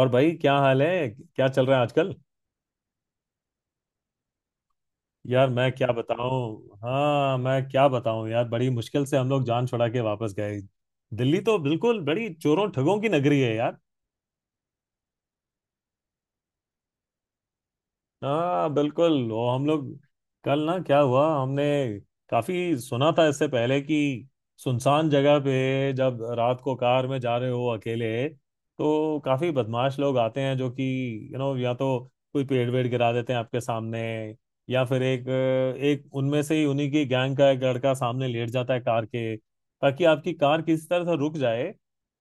और भाई क्या हाल है क्या चल रहा है आजकल। यार मैं क्या बताऊं, हाँ, मैं क्या बताऊं यार, बड़ी मुश्किल से हम लोग जान छुड़ा के वापस गए। दिल्ली तो बिल्कुल बड़ी चोरों ठगों की नगरी है यार। हाँ बिल्कुल, वो हम लोग कल ना क्या हुआ, हमने काफी सुना था इससे पहले कि सुनसान जगह पे जब रात को कार में जा रहे हो अकेले तो काफी बदमाश लोग आते हैं जो कि यू नो या तो कोई पेड़ वेड़ गिरा देते हैं आपके सामने, या फिर एक एक उनमें से ही उन्हीं की गैंग का एक लड़का सामने लेट जाता है कार के ताकि आपकी कार किसी तरह से रुक जाए।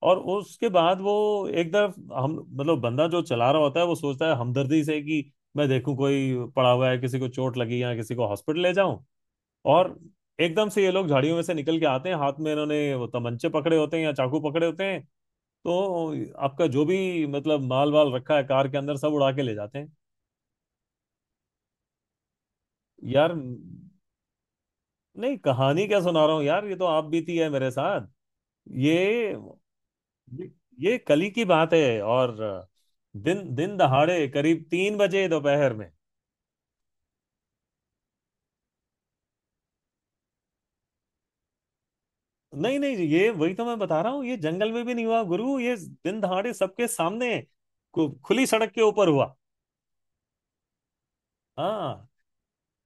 और उसके बाद वो एक तरफ हम, मतलब बंदा जो चला रहा होता है वो सोचता है हमदर्दी से कि मैं देखूं कोई पड़ा हुआ है, किसी को चोट लगी या किसी को हॉस्पिटल ले जाऊं। और एकदम से ये लोग झाड़ियों में से निकल के आते हैं, हाथ में इन्होंने वो तमंचे पकड़े होते हैं या चाकू पकड़े होते हैं। तो आपका जो भी मतलब माल वाल रखा है कार के अंदर सब उड़ा के ले जाते हैं। यार नहीं, कहानी क्या सुना रहा हूँ यार, ये तो आप बीती है मेरे साथ। ये ये कली की बात है। और दिन दिन दहाड़े करीब 3 बजे दोपहर में। नहीं नहीं जी, ये वही तो मैं बता रहा हूँ, ये जंगल में भी नहीं हुआ गुरु, ये दिन दहाड़े सबके सामने खुली सड़क के ऊपर हुआ। हाँ,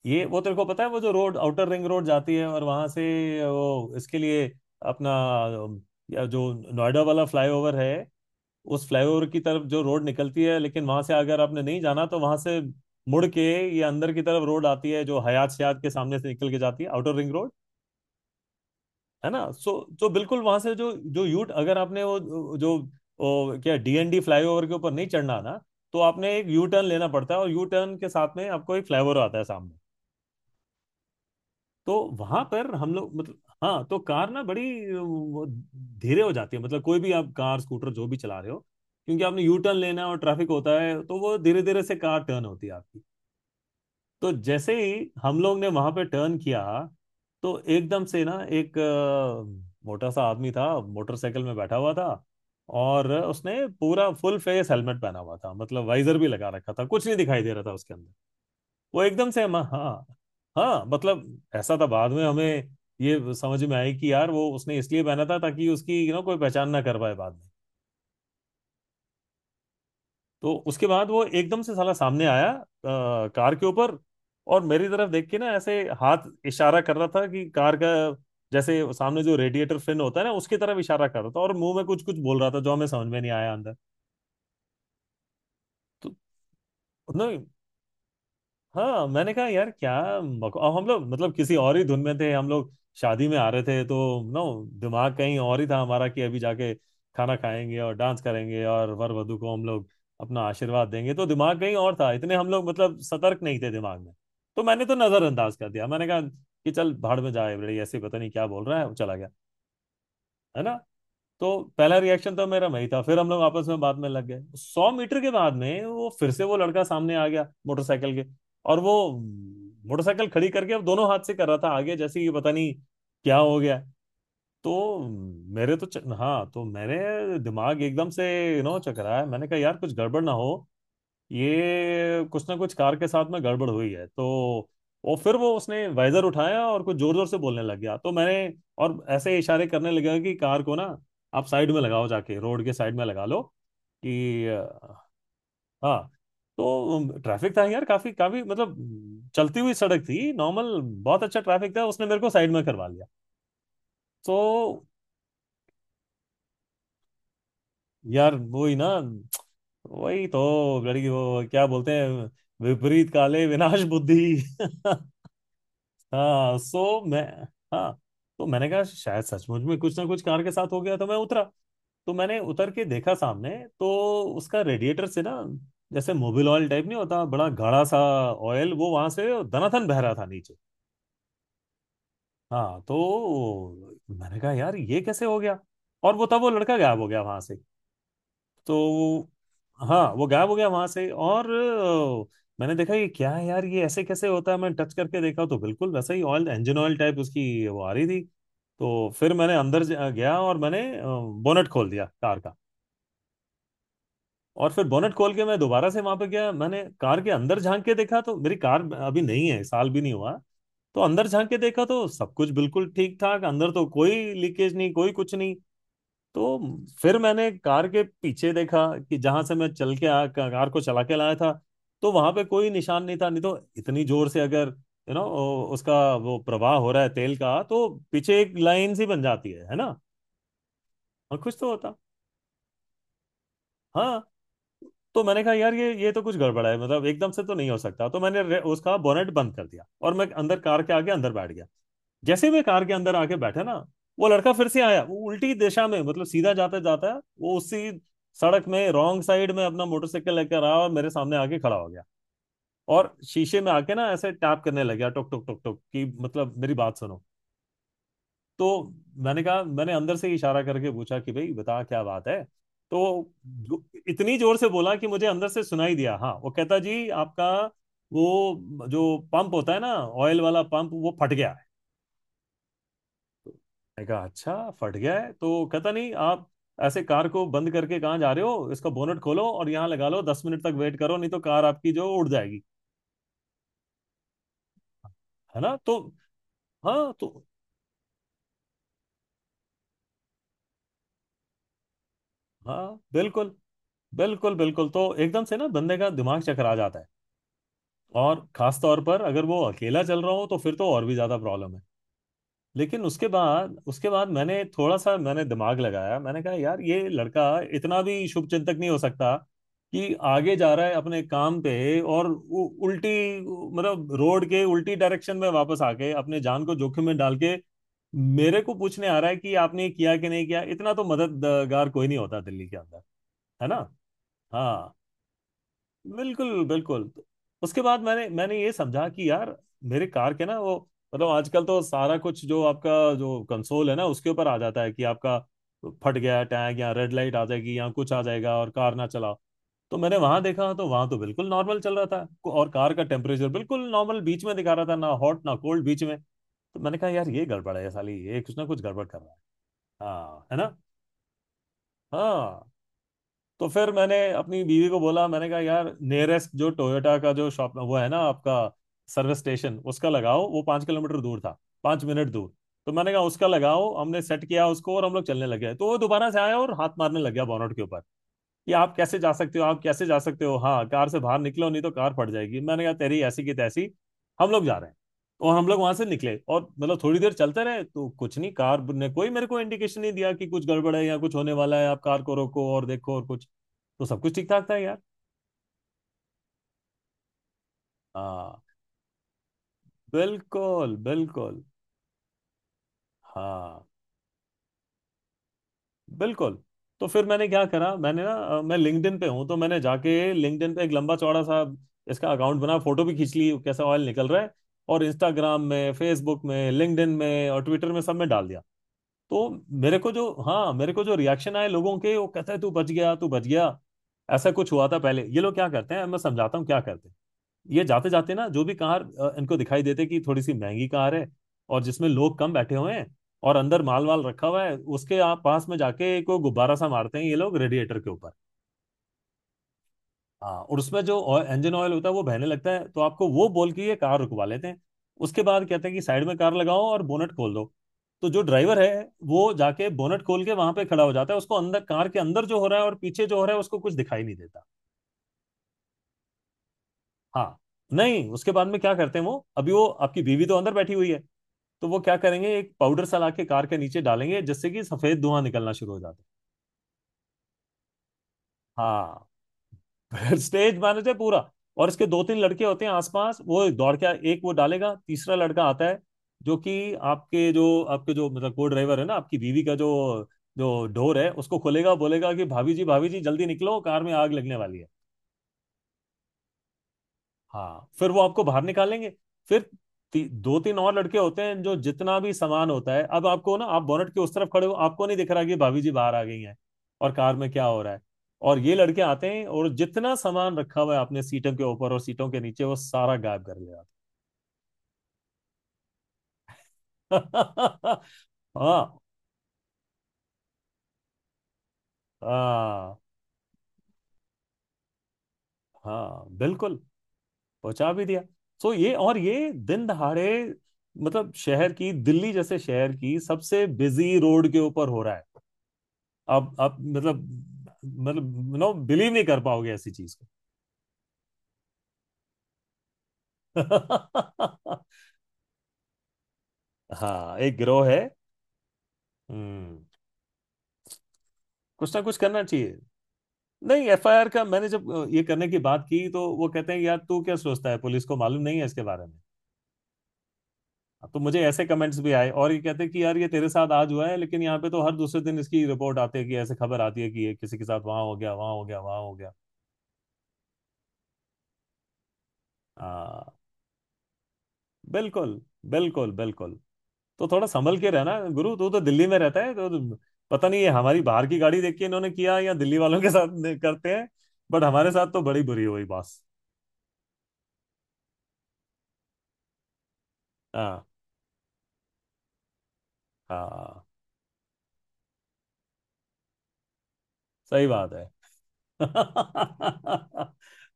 ये वो तेरे को पता है वो जो रोड आउटर रिंग रोड जाती है, और वहां से वो इसके लिए अपना अम, या जो नोएडा वाला फ्लाईओवर है, उस फ्लाईओवर की तरफ जो रोड निकलती है, लेकिन वहां से अगर आपने नहीं जाना तो वहां से मुड़ के ये अंदर की तरफ रोड आती है जो हयात शयात के सामने से निकल के जाती है आउटर रिंग रोड। है ना। सो तो बिल्कुल वहां से जो जो यूट अगर आपने वो जो वो क्या डीएनडी फ्लाईओवर के ऊपर नहीं चढ़ना ना, तो आपने एक यू टर्न लेना पड़ता है और यू टर्न के साथ में आपको एक फ्लाईओवर आता है सामने। तो वहां पर हम लोग मतलब, हाँ, तो कार ना बड़ी वो, धीरे हो जाती है, मतलब कोई भी आप कार स्कूटर जो भी चला रहे हो क्योंकि आपने यू टर्न लेना है और ट्रैफिक होता है, तो वो धीरे धीरे से कार टर्न होती है आपकी। तो जैसे ही हम लोग ने वहां पे टर्न किया तो एकदम से ना एक मोटा सा आदमी था, मोटरसाइकिल में बैठा हुआ था, और उसने पूरा फुल फेस हेलमेट पहना हुआ था, मतलब वाइजर भी लगा रखा था, कुछ नहीं दिखाई दे रहा था उसके अंदर। वो एकदम से हम हाँ। हाँ, मतलब ऐसा था, बाद में हमें ये समझ में आई कि यार वो उसने इसलिए पहना था ताकि उसकी यू नो कोई पहचान ना कर पाए बाद में। तो उसके बाद वो एकदम से साला सामने आया कार के ऊपर, और मेरी तरफ देख के ना ऐसे हाथ इशारा कर रहा था कि कार का, जैसे सामने जो रेडिएटर फिन होता है ना उसकी तरफ इशारा कर रहा था, और मुंह में कुछ कुछ बोल रहा था जो हमें समझ में नहीं आया अंदर। तो ना, हाँ मैंने कहा यार क्या, अब हम लोग मतलब किसी और ही धुन में थे हम लोग, शादी में आ रहे थे, तो नो, दिमाग कहीं और ही था हमारा कि अभी जाके खाना खाएंगे और डांस करेंगे और वर वधु को हम लोग अपना आशीर्वाद देंगे, तो दिमाग कहीं और था, इतने हम लोग मतलब सतर्क नहीं थे दिमाग में। तो मैंने तो नजरअंदाज कर दिया। मैंने कहा कि चल भाड़ में जाए, बड़े ऐसे ही पता नहीं क्या बोल रहा है, वो चला गया। है ना। तो पहला रिएक्शन तो मेरा वही था। फिर हम लोग आपस में बात में लग गए। 100 मीटर के बाद में वो फिर से वो लड़का सामने आ गया मोटरसाइकिल के, और वो मोटरसाइकिल खड़ी करके अब दोनों हाथ से कर रहा था आगे जैसे कि पता नहीं क्या हो गया। तो मेरे तो हाँ, तो मेरे दिमाग एकदम से यू नो चकराया। मैंने कहा यार कुछ गड़बड़ ना हो, ये कुछ ना कुछ कार के साथ में गड़बड़ हुई है। तो और फिर वो उसने वाइजर उठाया और कुछ जोर जोर से बोलने लग गया तो मैंने, और ऐसे इशारे करने लगा कि कार को ना आप साइड में लगाओ, जाके रोड के साइड में लगा लो कि हाँ। तो ट्रैफिक था यार, काफी काफी मतलब चलती हुई सड़क थी, नॉर्मल बहुत अच्छा ट्रैफिक था, उसने मेरे को साइड में करवा लिया। तो यार वही ना, वही तो, लड़की वो क्या बोलते हैं विपरीत काले विनाश बुद्धि हाँ सो मैं, हाँ तो मैंने कहा शायद सचमुच में कुछ ना कुछ कार के साथ हो गया, तो मैं उतरा, तो मैंने उतर के देखा सामने, तो उसका रेडिएटर से ना जैसे मोबिल ऑयल टाइप नहीं होता बड़ा गाढ़ा सा ऑयल, वो वहां से दनाथन बह रहा था नीचे। हाँ तो मैंने कहा यार ये कैसे हो गया, और वो तब वो लड़का गायब हो गया वहां से। तो हाँ, वो गायब हो गया वहां से और मैंने देखा ये क्या है यार, ये ऐसे कैसे होता है। मैं टच करके देखा तो बिल्कुल वैसा ही ऑयल इंजन ऑयल टाइप उसकी वो आ रही थी। तो फिर मैंने अंदर गया और मैंने बोनट खोल दिया कार का। और फिर बोनट खोल के मैं दोबारा से वहां पे गया, मैंने कार के अंदर झांक के देखा, तो मेरी कार अभी नहीं है, साल भी नहीं हुआ। तो अंदर झांक के देखा तो सब कुछ बिल्कुल ठीक ठाक अंदर, तो कोई लीकेज नहीं कोई कुछ नहीं। तो फिर मैंने कार के पीछे देखा कि जहां से मैं चल के आ कार को चला के लाया था, तो वहां पे कोई निशान नहीं था, नहीं तो इतनी जोर से अगर यू नो उसका वो प्रवाह हो रहा है तेल का तो पीछे एक लाइन सी बन जाती है ना, और कुछ तो होता। हाँ तो मैंने कहा यार ये तो कुछ गड़बड़ है, मतलब एकदम से तो नहीं हो सकता। तो मैंने उसका बोनेट बंद कर दिया और मैं अंदर कार के आगे अंदर बैठ गया। जैसे ही मैं कार के अंदर आके बैठा ना, वो लड़का फिर से आया, वो उल्टी दिशा में मतलब सीधा जाता जाता वो उसी सड़क में रॉन्ग साइड में अपना मोटरसाइकिल लेकर आया और मेरे सामने आके खड़ा हो गया। और शीशे में आके ना ऐसे टैप करने लग गया टुक टुक टुक टुक कि मतलब मेरी बात सुनो। तो मैंने कहा, मैंने अंदर से ही इशारा करके पूछा कि भाई बता क्या बात है। तो इतनी जोर से बोला कि मुझे अंदर से सुनाई दिया, हाँ वो कहता जी आपका वो जो पंप होता है ना ऑयल वाला पंप वो फट गया है। मैंने कहा अच्छा फट गया है, तो कहता नहीं आप ऐसे कार को बंद करके कहाँ जा रहे हो, इसका बोनट खोलो और यहाँ लगा लो, 10 मिनट तक वेट करो नहीं तो कार आपकी जो उड़ जाएगी। है ना। तो हाँ। तो हाँ बिल्कुल बिल्कुल बिल्कुल, तो एकदम से ना बंदे का दिमाग चकरा जाता है। और खास तौर पर अगर वो अकेला चल रहा हो तो फिर तो और भी ज्यादा प्रॉब्लम है। लेकिन उसके बाद मैंने थोड़ा सा मैंने दिमाग लगाया। मैंने कहा यार ये लड़का इतना भी शुभ चिंतक नहीं हो सकता कि आगे जा रहा है अपने काम पे, और उल्टी मतलब रोड के उल्टी डायरेक्शन में वापस आके अपने जान को जोखिम में डाल के मेरे को पूछने आ रहा है कि आपने किया कि नहीं किया, इतना तो मददगार कोई नहीं होता दिल्ली के अंदर। है ना। हाँ बिल्कुल बिल्कुल। उसके बाद मैंने मैंने ये समझा कि यार मेरे कार के ना वो, मतलब आजकल तो सारा कुछ जो आपका जो कंसोल है ना उसके ऊपर आ जाता है कि आपका फट गया टैग या रेड लाइट आ जाएगी या कुछ आ जाएगा और कार ना चलाओ। तो मैंने वहां देखा तो वहां तो बिल्कुल नॉर्मल चल रहा था, और कार का टेम्परेचर बिल्कुल नॉर्मल बीच में दिखा रहा था, ना हॉट ना कोल्ड बीच में। तो मैंने कहा यार ये गड़बड़ है साली, ये कुछ ना कुछ गड़बड़ कर रहा है। हाँ है ना। हाँ। तो फिर मैंने अपनी बीवी को बोला। मैंने कहा यार नियरेस्ट जो टोयोटा का जो शॉप वो है ना आपका सर्विस स्टेशन, उसका लगाओ। वो 5 किलोमीटर दूर था, 5 मिनट दूर। तो मैंने कहा उसका लगाओ, हमने सेट किया उसको और हम लोग चलने लगे। तो वो दोबारा से आया और हाथ मारने लग गया बॉनट के ऊपर कि आप कैसे जा सकते हो आप कैसे जा सकते हो, हाँ कार से बाहर निकलो नहीं तो कार फट जाएगी। मैंने कहा तेरी ऐसी की तैसी, हम लोग जा रहे हैं। और हम लोग वहां से निकले और मतलब थोड़ी देर चलते रहे तो कुछ नहीं। कार ने कोई मेरे को इंडिकेशन नहीं दिया कि कुछ गड़बड़ है या कुछ होने वाला है, आप कार को रोको और देखो और कुछ। तो सब कुछ ठीक ठाक था यार। हाँ, बिल्कुल बिल्कुल। हाँ, बिल्कुल। तो फिर मैंने क्या करा, मैंने ना मैं लिंक्डइन पे हूँ, तो मैंने जाके लिंक्डइन पे एक लंबा चौड़ा सा इसका अकाउंट बना। फोटो भी खींच ली कैसा ऑयल निकल रहा है। और इंस्टाग्राम में, फेसबुक में, लिंक्डइन में और ट्विटर में सब में डाल दिया। तो मेरे को जो हाँ मेरे को जो रिएक्शन आए लोगों के, वो कहते हैं तू बच गया, तू बच गया। ऐसा कुछ हुआ था पहले। ये लोग क्या करते हैं मैं समझाता हूँ क्या करते हैं। ये जाते जाते ना जो भी कार इनको दिखाई देते कि थोड़ी सी महंगी कार है और जिसमें लोग कम बैठे हुए हैं और अंदर माल वाल रखा हुआ है, उसके आप पास में जाके को गुब्बारा सा मारते हैं ये लोग रेडिएटर के ऊपर। हाँ, और उसमें जो इंजन ऑयल होता है वो बहने लगता है। तो आपको वो बोल के ये कार रुकवा लेते हैं। उसके बाद कहते हैं कि साइड में कार लगाओ और बोनट खोल दो। तो जो ड्राइवर है वो जाके बोनट खोल के वहां पे खड़ा हो जाता है। उसको अंदर, कार के अंदर जो हो रहा है और पीछे जो हो रहा है, उसको कुछ दिखाई नहीं देता। हाँ, नहीं उसके बाद में क्या करते हैं वो, अभी वो आपकी बीवी तो अंदर बैठी हुई है। तो वो क्या करेंगे, एक पाउडर सा ला के कार के नीचे डालेंगे जिससे कि सफेद धुआं निकलना शुरू हो जाता है। हाँ। फिर स्टेज मैनेजर पूरा। और इसके दो तीन लड़के होते हैं आसपास, वो दौड़ के एक वो डालेगा, तीसरा लड़का आता है जो कि आपके जो मतलब को ड्राइवर है ना, आपकी बीवी का जो जो डोर है उसको खोलेगा, बोलेगा कि भाभी जी, भाभी जी, जल्दी निकलो, कार में आग लगने वाली है। हाँ, फिर वो आपको बाहर निकालेंगे। फिर दो तीन और लड़के होते हैं, जो जितना भी सामान होता है, अब आपको ना, आप बोनट के उस तरफ खड़े हो, आपको नहीं दिख रहा कि भाभी जी बाहर आ गई हैं और कार में क्या हो रहा है। और ये लड़के आते हैं और जितना सामान रखा हुआ है आपने सीटों के ऊपर और सीटों के नीचे, वो सारा गायब कर दिया। हाँ हाँ। हाँ, बिल्कुल। पहुंचा भी दिया। सो ये, और ये दिन दहाड़े, मतलब शहर की, दिल्ली जैसे शहर की सबसे बिजी रोड के ऊपर हो रहा है। आप मतलब, मतलब नो, बिलीव नहीं कर पाओगे ऐसी चीज को। हाँ, एक गिरोह है। हम्म, कुछ ना कुछ करना चाहिए। नहीं, एफआईआर का मैंने जब ये करने की बात की, तो वो कहते हैं यार तू क्या सोचता है पुलिस को मालूम नहीं है इसके बारे में। तो मुझे ऐसे कमेंट्स भी आए और ये कहते हैं कि यार ये तेरे साथ आज हुआ है, लेकिन यहाँ पे तो हर दूसरे दिन इसकी रिपोर्ट आती है, कि ऐसे खबर आती है कि ये किसी के साथ वहां हो गया, वहां हो गया, वहां हो गया। हाँ, बिल्कुल बिल्कुल बिल्कुल। तो थोड़ा संभल के रहना गुरु, तू तो दिल्ली में रहता है तो। पता नहीं है हमारी बाहर की गाड़ी देख के इन्होंने किया या दिल्ली वालों के साथ करते हैं। बट हमारे साथ तो बड़ी बुरी हुई बॉस। हाँ हाँ, सही बात है।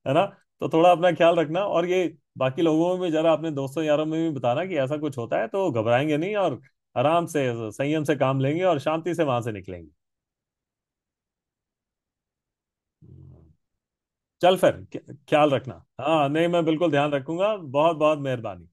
है ना। तो थोड़ा अपना ख्याल रखना। और ये बाकी लोगों में भी, जरा अपने दोस्तों यारों में भी बताना कि ऐसा कुछ होता है तो घबराएंगे नहीं, और आराम से, संयम से काम लेंगे और शांति से वहां से निकलेंगे। चल फिर, ख्याल रखना। हाँ नहीं, मैं बिल्कुल ध्यान रखूंगा। बहुत बहुत मेहरबानी।